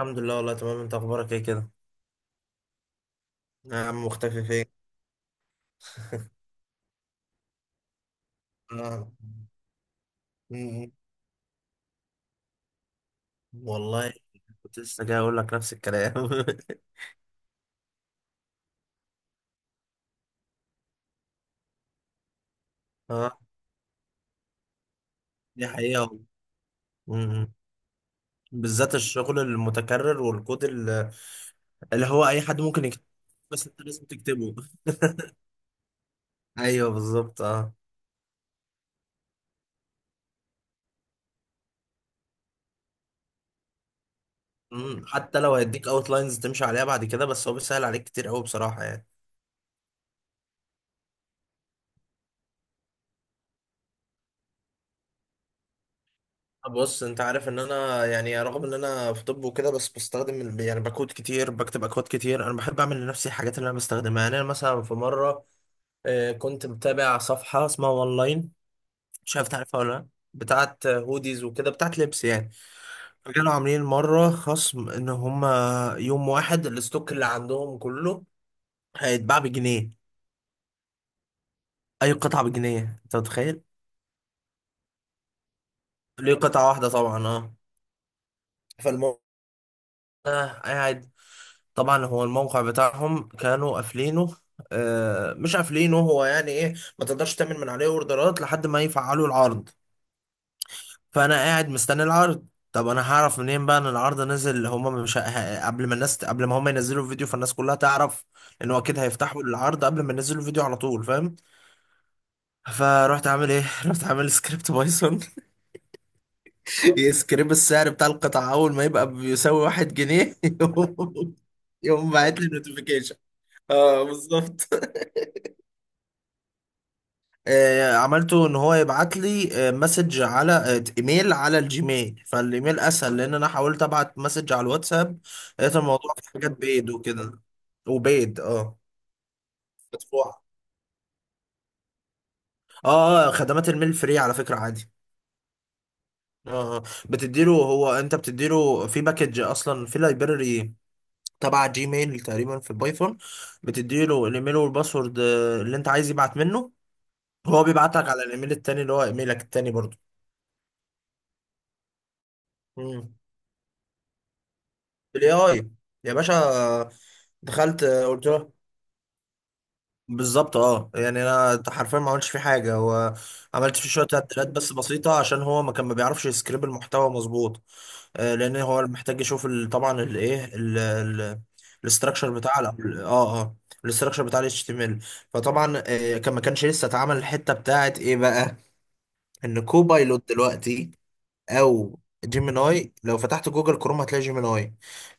الحمد لله، والله تمام. انت اخبارك ايه كده؟ يا عم مختفي فين؟ آه. م. والله كنت لسه جاي اقول لك نفس الكلام. اه، دي حقيقة والله. م. بالذات الشغل المتكرر والكود اللي هو اي حد ممكن يكتبه، بس انت لازم تكتبه. ايوه، بالظبط، اه. م. حتى لو هيديك اوت لاينز تمشي عليها بعد كده، بس هو بيسهل عليك كتير قوي بصراحة يعني. بص، انت عارف ان انا يعني رغم ان انا في طب وكده، بس بستخدم يعني بكود كتير، بكتب اكواد كتير. انا بحب اعمل لنفسي الحاجات اللي انا بستخدمها. يعني انا مثلا في مره، كنت متابع صفحه اسمها اونلاين، مش عارف تعرفها ولا لا. بتاعت هوديز وكده، بتاعت لبس يعني. كانوا عاملين مره خصم ان هم يوم واحد الستوك اللي عندهم كله هيتباع بجنيه. اي قطعه بجنيه، انت متخيل؟ ليه قطعه واحده طبعا، اه. فالموضوع ده قاعد. طبعا هو الموقع بتاعهم كانوا قافلينه، آه مش قافلينه، هو يعني ايه، ما تقدرش تعمل من عليه اوردرات لحد ما يفعلوا العرض. فانا قاعد مستني العرض. طب انا هعرف منين بقى ان العرض نزل؟ هما مش قبل ما هما ينزلوا الفيديو، فالناس كلها تعرف ان هو اكيد هيفتحوا العرض قبل ما ينزلوا الفيديو على طول، فاهم؟ فرحت عامل ايه؟ رحت عامل سكريبت بايثون. يسكريب السعر بتاع القطعة اول ما يبقى بيساوي 1 جنيه. يقوم، يقوم باعت لي نوتيفيكيشن. اه، بالظبط. عملته ان هو يبعت لي مسج، على ايميل على الجيميل. فالايميل اسهل، لان انا حاولت ابعت مسج على الواتساب، لقيت الموضوع في حاجات بيض وكده. وبيض، اه، مدفوع. اه، اه، خدمات الميل فري على فكرة، عادي. اه، آه. بتديله هو انت بتديله في باكج اصلا، في لايبراري تبع جيميل تقريبا في البايثون. بتديله الايميل والباسورد اللي انت عايز يبعت منه، هو بيبعت لك على الايميل التاني، اللي هو ايميلك التاني برضه. بالاي اي يا باشا، دخلت قلت له. بالظبط، اه، يعني انا حرفيا ما عملتش فيه حاجه، هو عملت فيه شويه تعديلات بس بسيطه، عشان هو ما بيعرفش يسكريب المحتوى مظبوط. لان هو محتاج يشوف طبعا الايه، الاستراكشر بتاع الاستراكشر بتاع الـ HTML. فطبعا ما كانش لسه اتعمل الحته بتاعت ايه بقى، ان كوبايلوت دلوقتي او جيميناي. لو فتحت جوجل كروم هتلاقي جيميناي،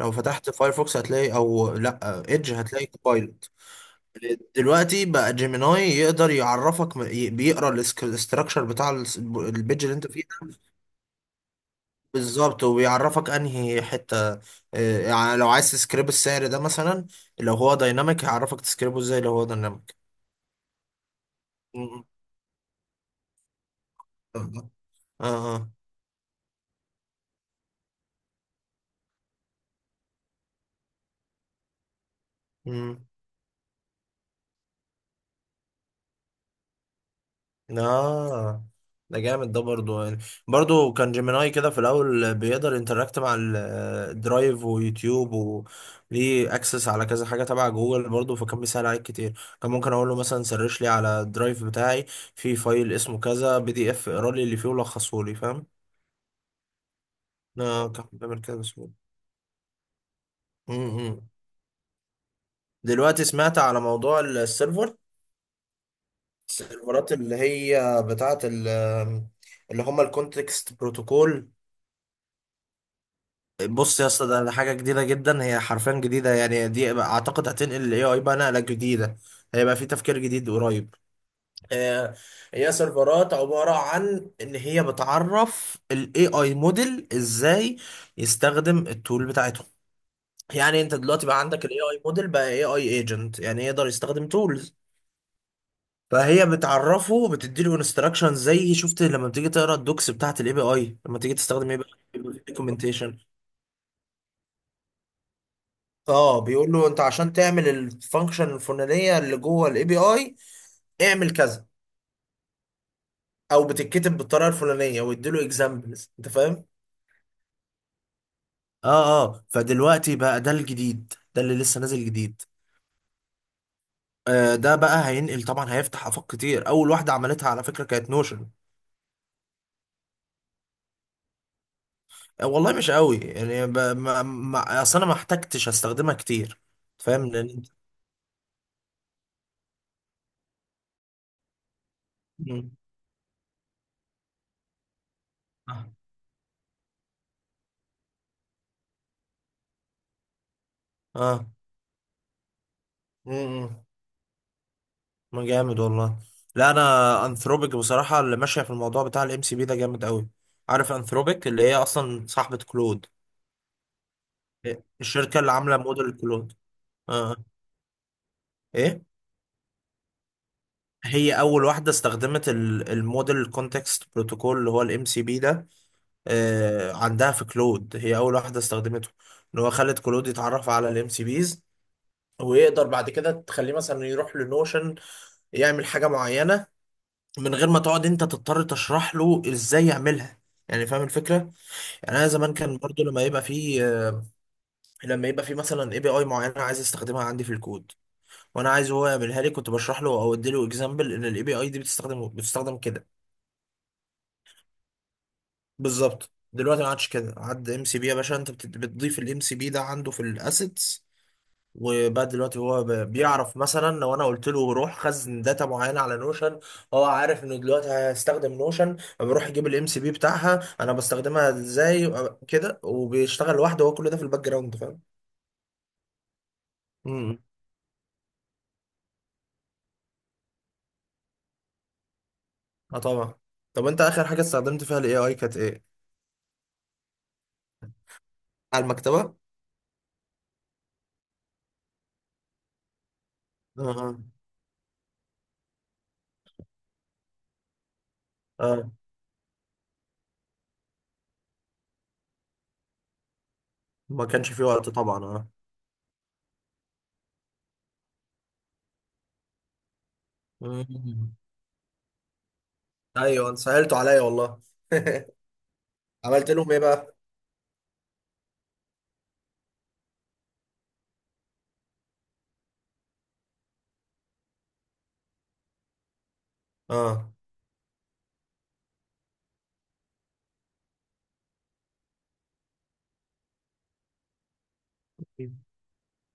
لو فتحت فايرفوكس هتلاقي، او لا، ايدج، هتلاقي كوبايلوت. دلوقتي بقى جيميناي يقدر يعرفك، بيقرا الاستراكشر بتاع البيج اللي انت فيه ده. بالظبط، وبيعرفك انهي حته. يعني لو عايز تسكريب السعر ده مثلا، لو هو دايناميك هيعرفك تسكريبه ازاي لو هو دايناميك. اه، اه، آه. م. اه، ده جامد ده برضو يعني. برضو كان جيميناي كده في الاول بيقدر انتراكت مع الدرايف ويوتيوب، وليه اكسس على كذا حاجه تبع جوجل برضو، فكان بيسهل عليك كتير. كان ممكن اقول له مثلا سرش لي على الدرايف بتاعي في فايل اسمه كذا PDF، اقرا لي اللي فيه ولخصه لي، فاهم؟ اه، كان بيعمل كده بسهوله. امم دلوقتي سمعت على موضوع السيرفر، السيرفرات اللي هي بتاعه اللي هم الكونتكست بروتوكول. بص يا اسطى، ده حاجه جديده جدا، هي حرفيا جديده. يعني دي اعتقد هتنقل الـ AI بقى نقله جديده، هيبقى في تفكير جديد قريب. آه، هي سيرفرات عباره عن ان هي بتعرف الاي اي موديل ازاي يستخدم التول بتاعتهم. يعني انت دلوقتي بقى عندك الاي اي موديل، بقى اي اي ايجنت، يعني يقدر يستخدم تولز. فهي بتعرفه، بتديله انستراكشن، زي شفت لما بتيجي تقرا الدوكس بتاعت الـ API لما تيجي تستخدم اي بي اي. اه، بيقول له انت عشان تعمل الفانكشن الفلانيه اللي جوه الاي بي اي اعمل كذا، او بتتكتب بالطريقه الفلانيه، ويديله اكزامبلز، انت فاهم. اه، اه، فدلوقتي بقى ده الجديد، ده اللي لسه نازل جديد. ده بقى هينقل طبعا، هيفتح افاق كتير. اول واحده عملتها على فكره كانت نوشن. آه والله مش قوي يعني، ب... ما... ما... اصل انا ما احتجتش استخدمها كتير. فاهم، لان انت. مم. اه، آه. مم. ما جامد والله. لا، انا انثروبيك بصراحه اللي ماشيه في الموضوع بتاع الـ MCP ده جامد قوي. عارف انثروبيك اللي هي اصلا صاحبه كلود، الشركه اللي عامله موديل كلود. اه، آه. ايه. هي اول واحده استخدمت الموديل كونتكست بروتوكول، اللي هو الام سي بي ده. عندها في كلود، هي اول واحده استخدمته. ان هو خلت كلود يتعرف على الـ MCPs، ويقدر بعد كده تخليه مثلا يروح لنوشن يعمل حاجه معينه من غير ما تقعد انت تضطر تشرح له ازاي يعملها. يعني فاهم الفكره؟ يعني انا زمان كان برضو لما يبقى في مثلا اي بي اي معينه عايز استخدمها عندي في الكود، وانا عايز هو يعملها لي، كنت بشرح له او ادي له اكزامبل ان الاي بي اي دي بتستخدم كده. بالظبط، دلوقتي ما عادش كده، عاد ام سي بي يا باشا. انت بتضيف الام سي بي ده عنده في الاسيتس، وبقى دلوقتي هو بيعرف مثلا لو انا قلت له روح خزن داتا معينه على نوشن، هو عارف انه دلوقتي هستخدم نوشن، بروح يجيب الام سي بي بتاعها، انا بستخدمها ازاي كده، وبيشتغل لوحده هو، كل ده في الباك جراوند، فاهم؟ امم اه، طبعا. طب انت اخر حاجه استخدمت فيها الاي اي كانت ايه؟ على المكتبة. اه، اه، ما كانش في وقت طبعا، اه. مم. ايوه، انت سهلته عليا والله. عملت لهم ايه بقى؟ اه،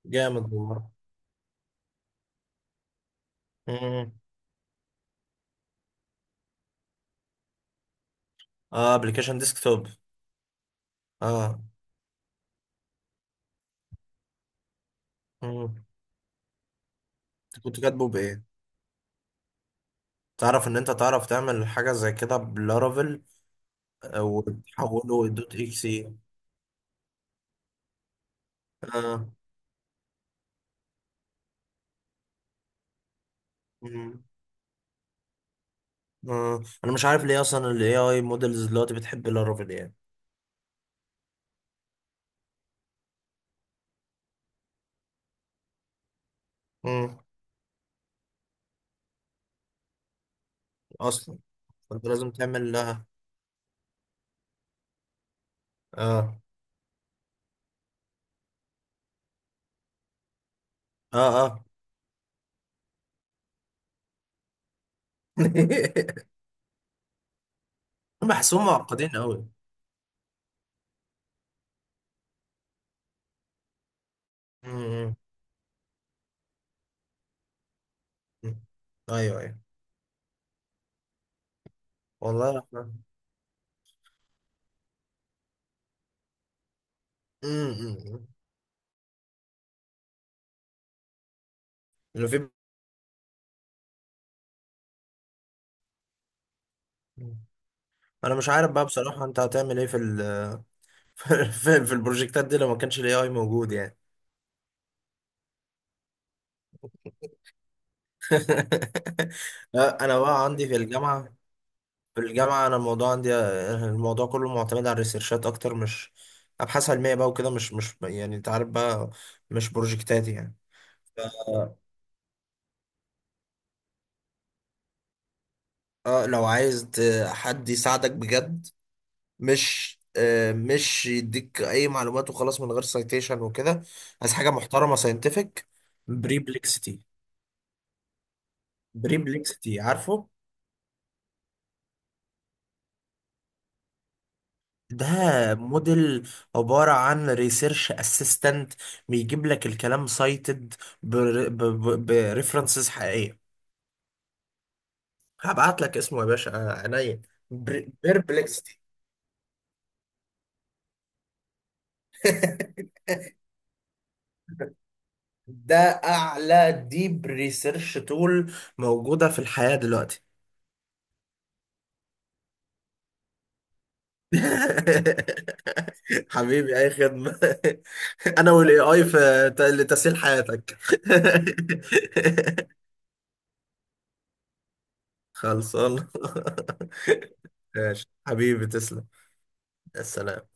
جامد والله. امم اه، ابلكيشن ديسكتوب. اه. مم. انت كنت كاتبه بايه؟ تعرف ان انت تعرف تعمل حاجه زي كده بلارافيل، وتحوله دوت اكس اي. اه. مم. آه. انا مش عارف ليه اصلا الاي اي موديلز دلوقتي بتحب لارافيل يعني. مم. اصلا، فانت لازم تعمل لها. اه، اه، اه. بحسهم معقدين قوي. مم. مم. ايوه، ايوه، والله يا احمد. مم. مم. اللي في، انا مش عارف بقى بصراحه انت هتعمل ايه في ال في البروجكتات دي لو ما كانش الاي اي موجود يعني. لا، انا بقى عندي في الجامعه. انا الموضوع عندي الموضوع كله معتمد على الريسيرشات اكتر، مش ابحاث علميه بقى وكده. مش يعني انت عارف بقى، مش بروجكتاتي يعني. ف- اه، لو عايز حد يساعدك بجد، مش يديك اي معلومات وخلاص من غير سايتيشن وكده، عايز حاجه محترمه ساينتفك. بريبلكسيتي. بريبلكسيتي، عارفه؟ ده موديل عبارة عن ريسيرش اسيستنت، بيجيب لك الكلام سايتد، بريفرنسز حقيقية. هبعت لك اسمه يا باشا، عينيا. بيربلكسيتي. ده اعلى ديب ريسيرش تول موجودة في الحياة دلوقتي. حبيبي، اي خدمة. انا والاي اي في لتسهيل حياتك. خلصان. ماشي حبيبي، تسلم. السلام.